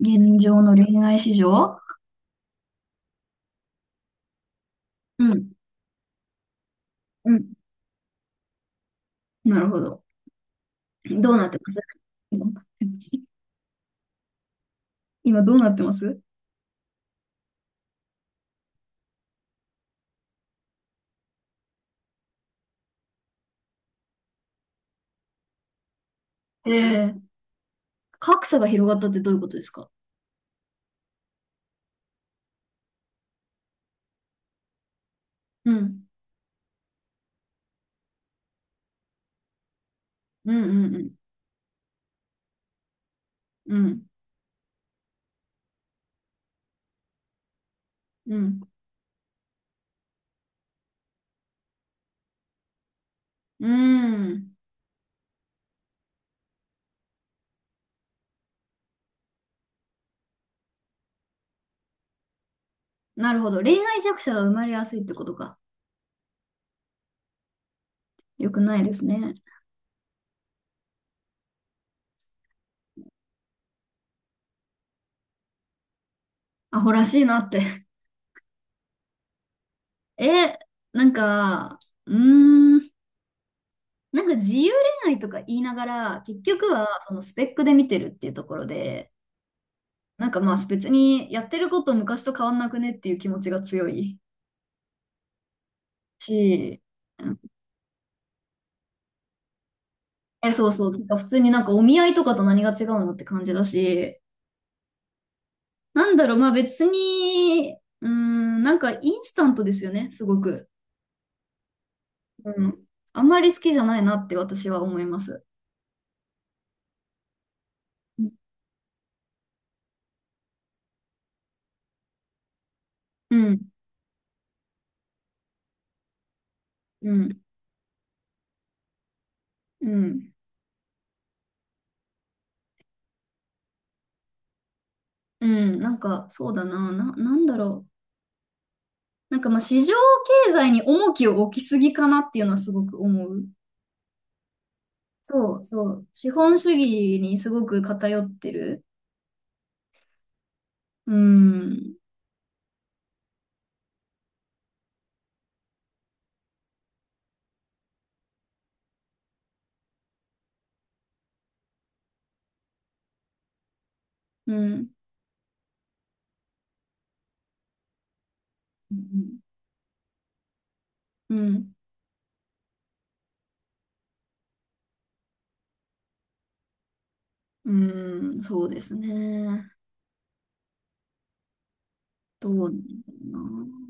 現状の恋愛市場。うん、うん。なるほど。どうなってます？どうなってます？ 今どうなってます？え？え？格差が広がったってどういうことですか？うん。うんうんうん。うん。うん。うん。なるほど。恋愛弱者が生まれやすいってことか。よくないですね。アホらしいなって。え、なんか、うーん。なんか自由恋愛とか言いながら、結局はそのスペックで見てるっていうところで、なんかまあ別にやってること昔と変わんなくねっていう気持ちが強いし、うん、え、そうそう、てか普通になんかお見合いとかと何が違うのって感じだし、なんだろう、まあ別に、なんかインスタントですよね、すごく。うん。あんまり好きじゃないなって私は思います。うん、うん、うん、うん、なんかそうだな、なんだろう。なんかまあ市場経済に重きを置きすぎかなっていうのはすごく思う。そうそう。資本主義にすごく偏ってる。うん。うん。うん。うん。うん、そうですね。どうなんだろ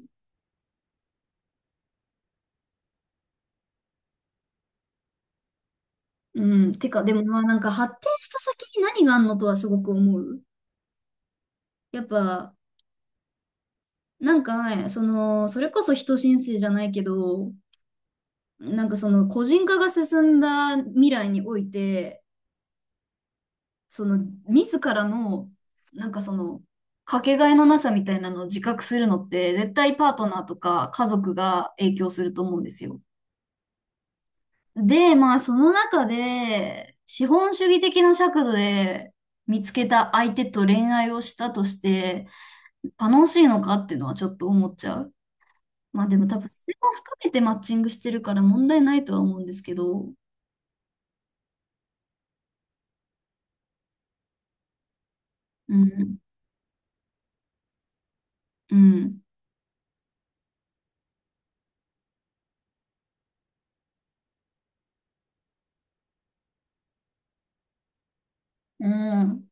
うな。うん。てか、でもまあなんか発展した先に何があんのとはすごく思う。やっぱ、なんかね、その、それこそ人新世じゃないけど、なんかその個人化が進んだ未来において、その、自らの、なんかその、かけがえのなさみたいなのを自覚するのって、絶対パートナーとか家族が影響すると思うんですよ。で、まあ、その中で、資本主義的な尺度で見つけた相手と恋愛をしたとして、楽しいのかっていうのはちょっと思っちゃう。まあでも多分それも含めてマッチングしてるから問題ないとは思うんですけど、うん、うん、うん、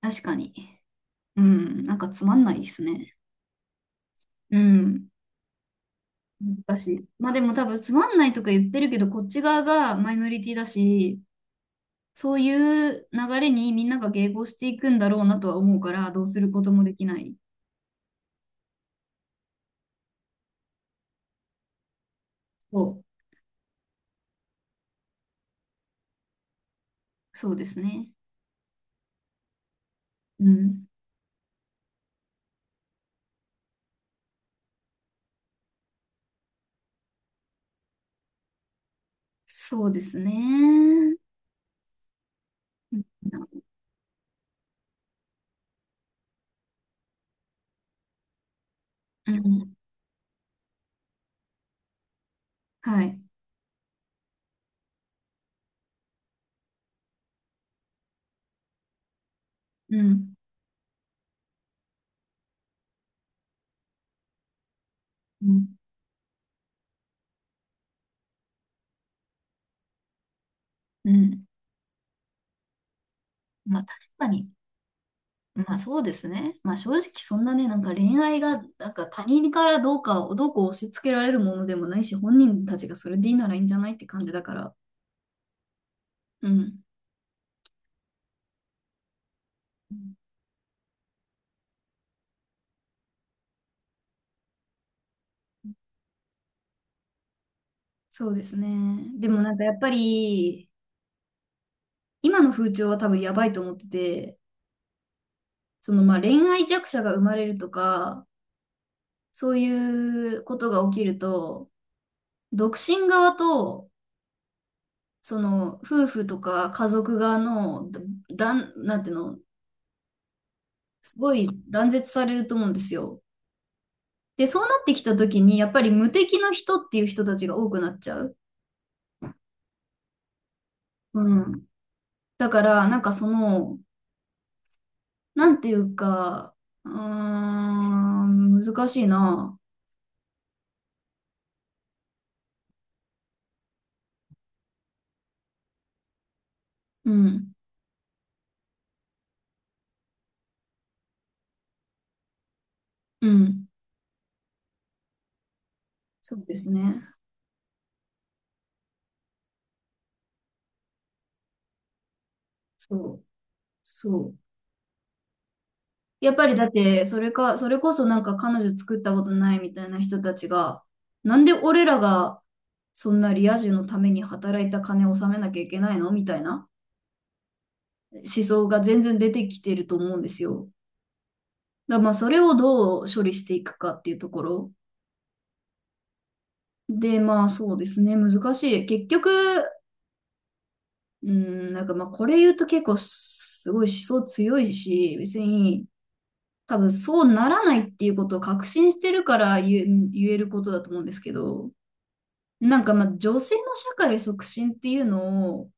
確かに。うん、なんかつまんないですね。うん。難しい。まあでも多分つまんないとか言ってるけど、こっち側がマイノリティだし、そういう流れにみんなが迎合していくんだろうなとは思うから、どうすることもできない。そそうですね。うん。そうですね。うん。うん、はい。うん。うん。うん。まあ確かに。まあそうですね。まあ正直そんなね、なんか恋愛が、なんか他人からどうかをどうこう押し付けられるものでもないし、本人たちがそれでいいならいいんじゃないって感じだから。うん。そうですね。でもなんかやっぱり、今の風潮は多分やばいと思ってて、そのまあ恋愛弱者が生まれるとか、そういうことが起きると、独身側と、その夫婦とか家族側の、だ、だんなんていうの、すごい断絶されると思うんですよ。で、そうなってきた時に、やっぱり無敵の人っていう人たちが多くなっちゃう。うん。だから、なんかその、なんていうか、うーん、難しいな。うん。うん。そうですね。そう。そう。やっぱりだって、それか、それこそなんか彼女作ったことないみたいな人たちが、なんで俺らがそんなリア充のために働いた金を納めなきゃいけないのみたいな思想が全然出てきてると思うんですよ。だまあ、それをどう処理していくかっていうところ。で、まあ、そうですね。難しい。結局、うん、なんかまあ、これ言うと結構すごい思想強いし、別に多分そうならないっていうことを確信してるから言えることだと思うんですけど、なんかまあ、女性の社会促進っていうのを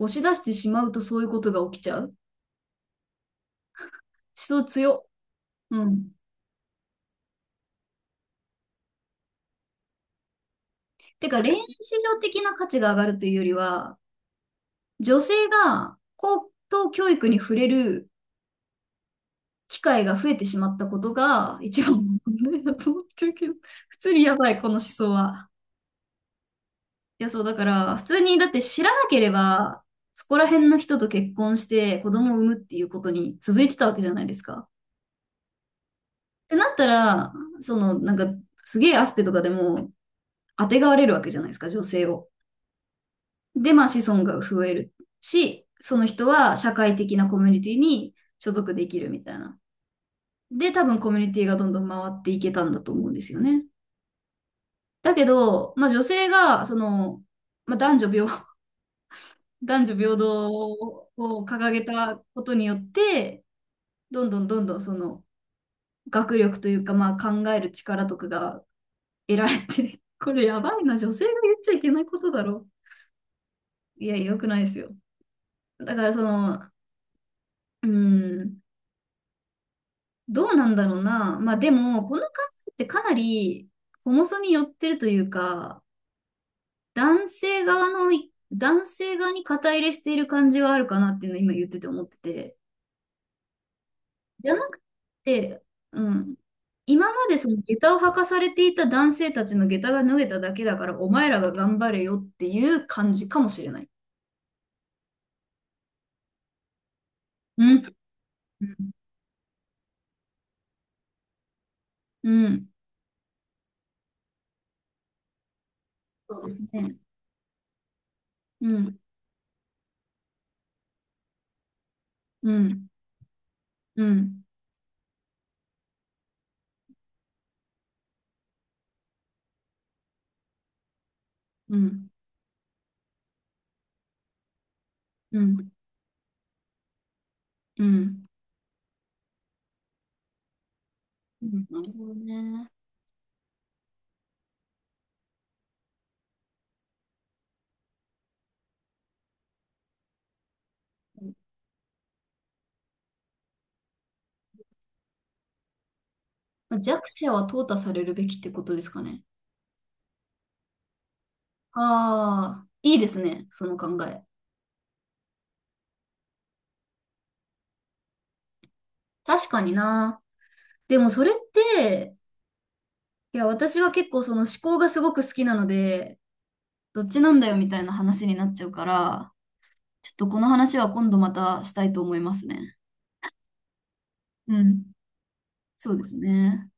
押し出してしまうとそういうことが起きちゃう。思想強。うん。てか、恋愛市上的な価値が上がるというよりは、女性が高等教育に触れる機会が増えてしまったことが一番の問題だと思ってるけど、普通にやばい、この思想は。いや、そう、だから、普通に、だって知らなければ、そこら辺の人と結婚して子供を産むっていうことに続いてたわけじゃないですか。ってなったら、その、なんか、すげえアスペとかでも、当てがわれるわけじゃないですか、女性を。で、まあ、子孫が増えるし、その人は社会的なコミュニティに所属できるみたいな。で、多分コミュニティがどんどん回っていけたんだと思うんですよね。だけど、まあ女性が、その、まあ男女平、男女平等を掲げたことによって、どんどんどんどんその学力というか、まあ考える力とかが得られて、これやばいな、女性が言っちゃいけないことだろ。いや、良くないですよ。だからその、うん、どうなんだろうな。まあでも、この考えってかなり、ホモソに寄ってるというか、男性側に肩入れしている感じはあるかなっていうのを今言ってて思ってて。じゃなくて、うん。今までその下駄を履かされていた男性たちの下駄が脱げただけだから、お前らが頑張れよっていう感じかもしれない。うん。うん。うん、そうですね。うん。うん。うん。うん。うん。うん。うん、なるほどね。まあ弱者は淘汰されるべきってことですかね。ああ、いいですね、その考え。確かにな。でもそれって、いや、私は結構その思考がすごく好きなので、どっちなんだよみたいな話になっちゃうから、ちょっとこの話は今度またしたいと思いますね。うん。そうですね。